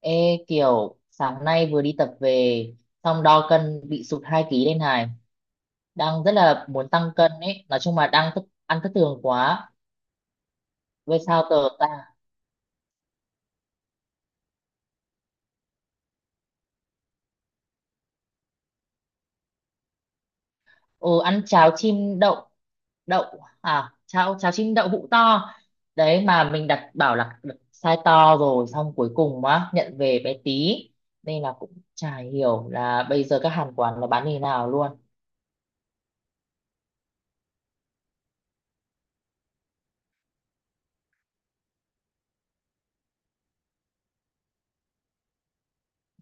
Ê, kiểu sáng nay vừa đi tập về, xong đo cân bị sụt 2 ký lên này, đang rất là muốn tăng cân ấy. Nói chung là đang thức, ăn thất thường quá. Về sao tờ ta. Ừ, ăn cháo chim đậu, đậu à, cháo cháo chim đậu hũ to. Đấy mà mình đặt bảo là đặt size to rồi xong cuối cùng á nhận về bé tí, nên là cũng chả hiểu là bây giờ các hàng quán nó bán như thế nào luôn.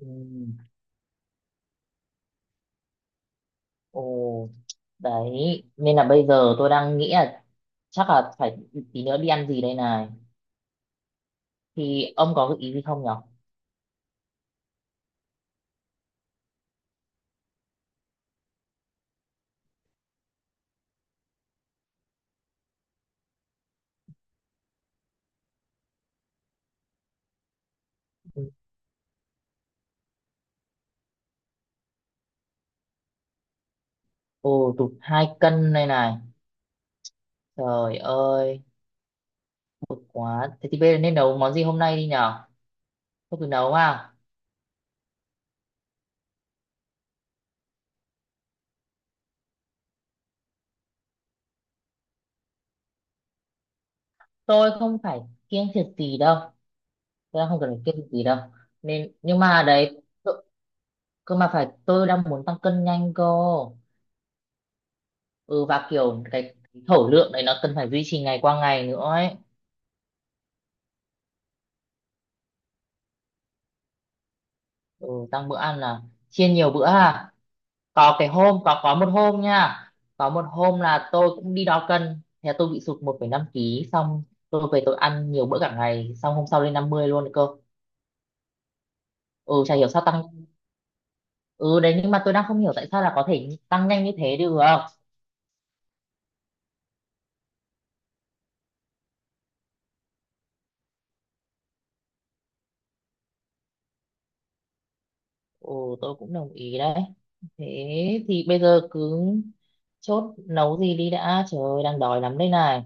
Ừ. Ồ, đấy, nên là bây giờ tôi đang nghĩ là chắc là phải tí nữa đi ăn gì đây này. Thì ông có gợi ý gì không nhở? Ừ. Ồ, tụt 2 cân đây này. Trời ơi, quá. Thế thì bây giờ nên nấu món gì hôm nay đi nhở? Tôi cứ nấu à? Tôi không phải kiêng thịt gì đâu. Tôi đang không cần phải kiêng thịt gì đâu. Nên, nhưng mà đấy, cơ cơ mà phải, tôi đang muốn tăng cân nhanh cơ. Ừ, và kiểu cái thổ lượng đấy nó cần phải duy trì ngày qua ngày nữa ấy. Ừ, tăng bữa ăn là chia nhiều bữa ha. Có cái hôm có một hôm nha, có một hôm là tôi cũng đi đo cân, thế là tôi bị sụt 1,5 ký. Xong tôi về tôi ăn nhiều bữa cả ngày, xong hôm sau lên 50 luôn cơ. Ừ, chả hiểu sao tăng. Ừ đấy, nhưng mà tôi đang không hiểu tại sao là có thể tăng nhanh như thế được. Ừ, tôi cũng đồng ý đấy. Thế thì bây giờ cứ chốt nấu gì đi đã, trời ơi đang đói lắm đây này.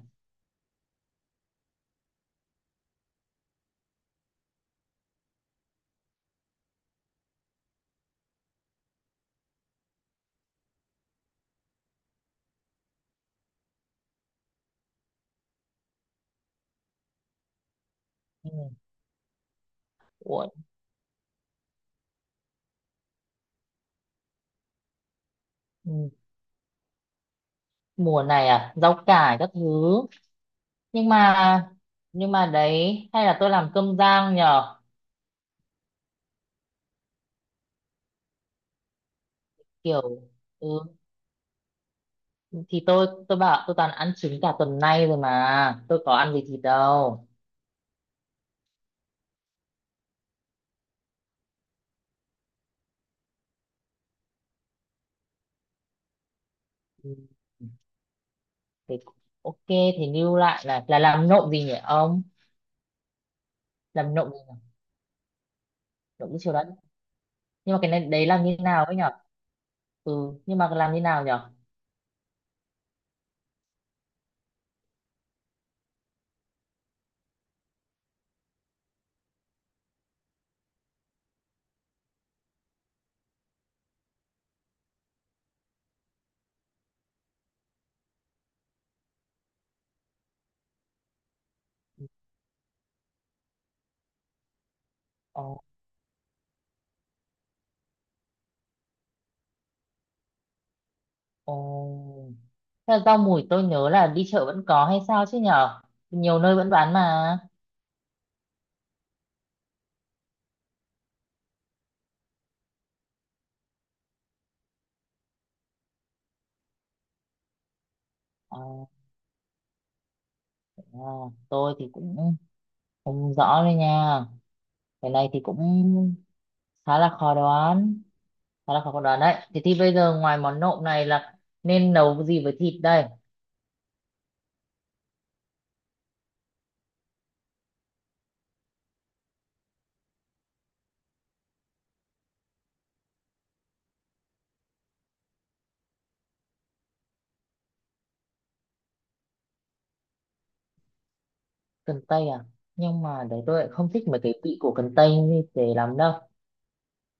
Ừ. Ủa, ừ. Mùa này à, rau cải các thứ. Nhưng mà nhưng mà đấy, hay là tôi làm cơm rang nhở? Kiểu, ừ, thì tôi bảo tôi toàn ăn trứng cả tuần nay rồi mà tôi có ăn gì thịt đâu. Ừ. Thế, ok thì lưu lại là, làm nộm gì nhỉ ông? Làm nộm gì nhỉ? Nộm cái chiều đấy, nhưng mà cái này đấy làm như nào ấy nhở? Ừ, nhưng mà làm như nào nhở? Ồ. Ồ. Thế là rau mùi tôi nhớ là đi chợ vẫn có hay sao chứ nhở? Nhiều nơi vẫn bán mà. Ờ, ờ, tôi thì cũng không rõ đấy nha. Cái này thì cũng khá là khó đoán, khá là khó đoán đấy. Thế thì bây giờ ngoài món nộm này là nên nấu cái gì với thịt đây? Cần tây à? Nhưng mà đấy tôi lại không thích mấy cái vị của cần tây như thế lắm đâu.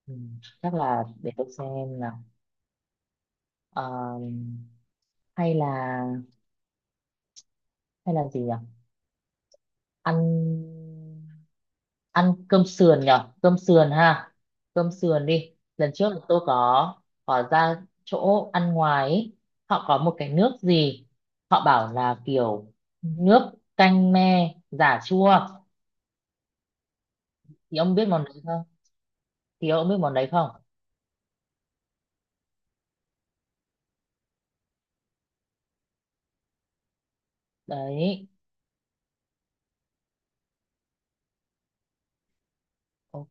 Ừ, chắc là để tôi xem nào. Ờ, hay là hay là gì nhỉ? Ăn ăn cơm sườn nhở? Cơm sườn ha, cơm sườn đi. Lần trước là tôi có, ra chỗ ăn ngoài ấy. Họ có một cái nước gì, họ bảo là kiểu nước canh me giả chua. Thì ông biết món đấy không? Thì ông biết món đấy không? Đấy, ok.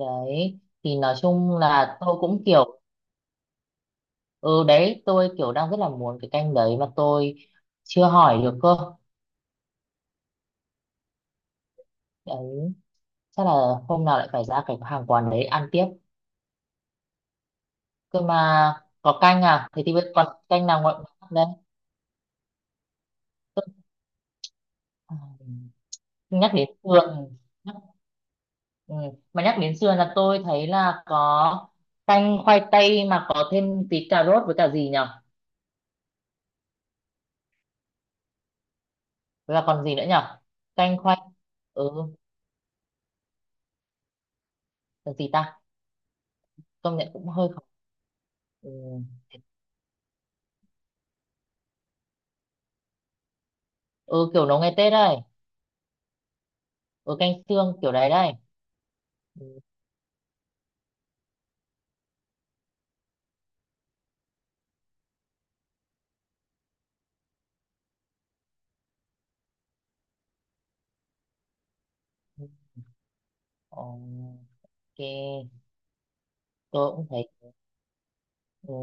Đấy thì nói chung là tôi cũng kiểu, ừ đấy tôi kiểu đang rất là muốn cái canh đấy mà tôi chưa hỏi được cơ. Đấy chắc là hôm nào lại phải ra cái hàng quán đấy ăn tiếp. Cơ mà có canh à? Thế thì bây- còn canh nào ngoại món đấy? Tức- à, nhắc đến sườn, nhắc, ừ. Mà nhắc đến sườn là tôi thấy là có canh khoai tây mà có thêm tí cà rốt với cả gì nhở? Với cả còn gì nữa nhở? Canh khoai, ừ, còn gì ta? Công nhận cũng hơi khó. Ừ. Ừ, kiểu nấu ngày Tết đây. Ừ, canh xương kiểu đấy đây. Ừ. Ừ. Ồ, ok, tôi cũng thấy. Ừ.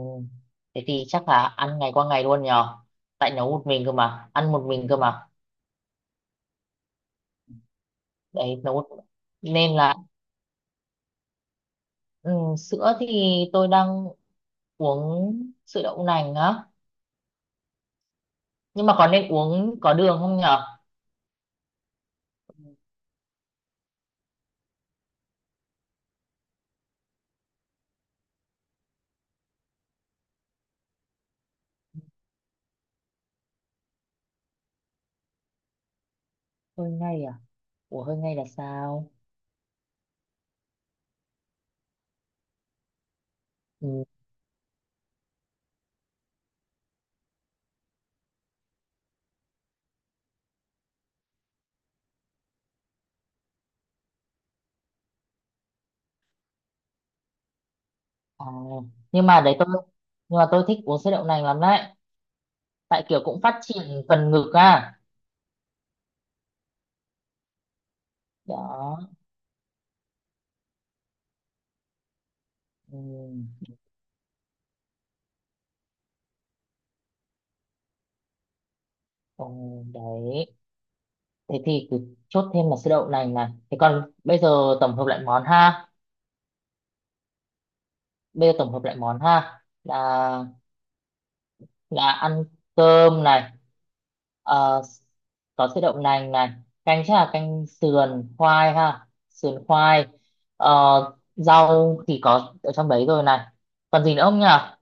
Thế thì chắc là ăn ngày qua ngày luôn nhờ, tại nấu một mình cơ mà, ăn một mình cơ mà. Đấy nấu một, nên là, ừ, sữa thì tôi đang uống sữa đậu nành á, nhưng mà có nên uống có đường không nhở? Hơi ngay à? Ủa, hơi ngay là sao? Ừ. À. Nhưng mà đấy tôi, nhưng mà tôi thích uống sữa đậu nành lắm đấy, tại kiểu cũng phát triển phần ngực à. Đó. Ừ. Ừ, đấy thế thì cứ chốt thêm là sữa đậu nành này. Thế còn bây giờ tổng hợp lại món ha, bây giờ tổng hợp lại món ha là, ăn cơm này, ờ, có sữa đậu nành này, canh chắc là canh sườn khoai ha, sườn khoai, ờ, rau thì có ở trong đấy rồi này, còn gì nữa không nhỉ à?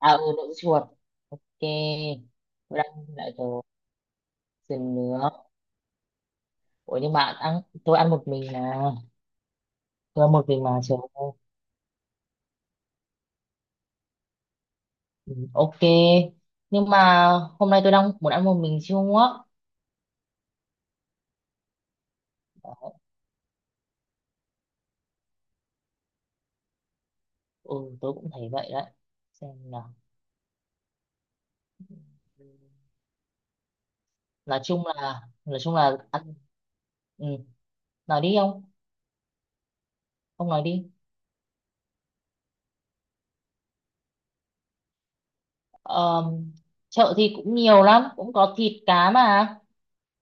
Ừ, đậu chuột ok. Tôi đang lại rồi. Sườn nướng. Ủa nhưng mà ăn, tôi ăn một mình mà, tôi ăn một mình mà, trời ơi. Ừ, ok. Nhưng mà hôm nay tôi đang muốn ăn một mình siêu ngốc. Ừ, tôi cũng thấy vậy đấy. Xem nào. Nói chung là ăn. Ừ, nói đi ông. Ông nói đi. Ờm, Chợ thì cũng nhiều lắm, cũng có thịt cá mà,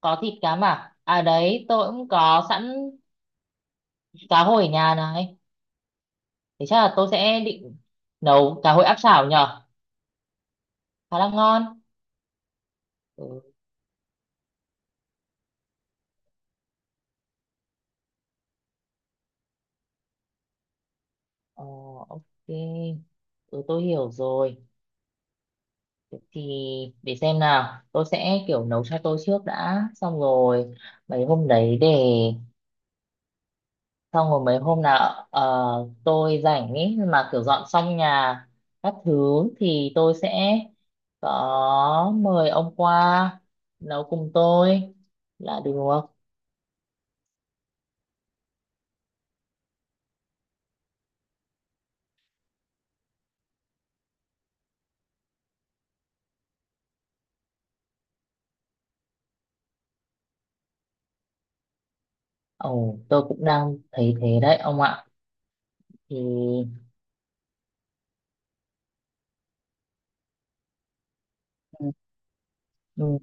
có thịt cá mà. À đấy tôi cũng có sẵn cá hồi ở nhà này, thế chắc là tôi sẽ định nấu cá hồi áp chảo nhở, khá là ngon. Ừ, ờ, ok. Ừ, tôi hiểu rồi. Thì để xem nào, tôi sẽ kiểu nấu cho tôi trước đã, xong rồi mấy hôm đấy để, xong rồi mấy hôm nào tôi rảnh ý mà, kiểu dọn xong nhà các thứ thì tôi sẽ có mời ông qua nấu cùng tôi là được. Ồ, tôi cũng đang thấy thế đấy ông ạ. Thì. Ừ. Ừ,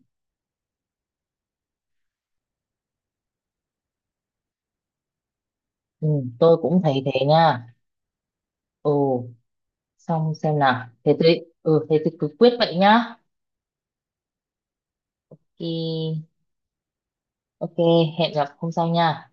ừ, tôi cũng thấy thế nha. Ồ, xong xem nào thế tôi, thế tôi cứ quyết vậy nhá. Thì ok, hẹn gặp hôm sau nha.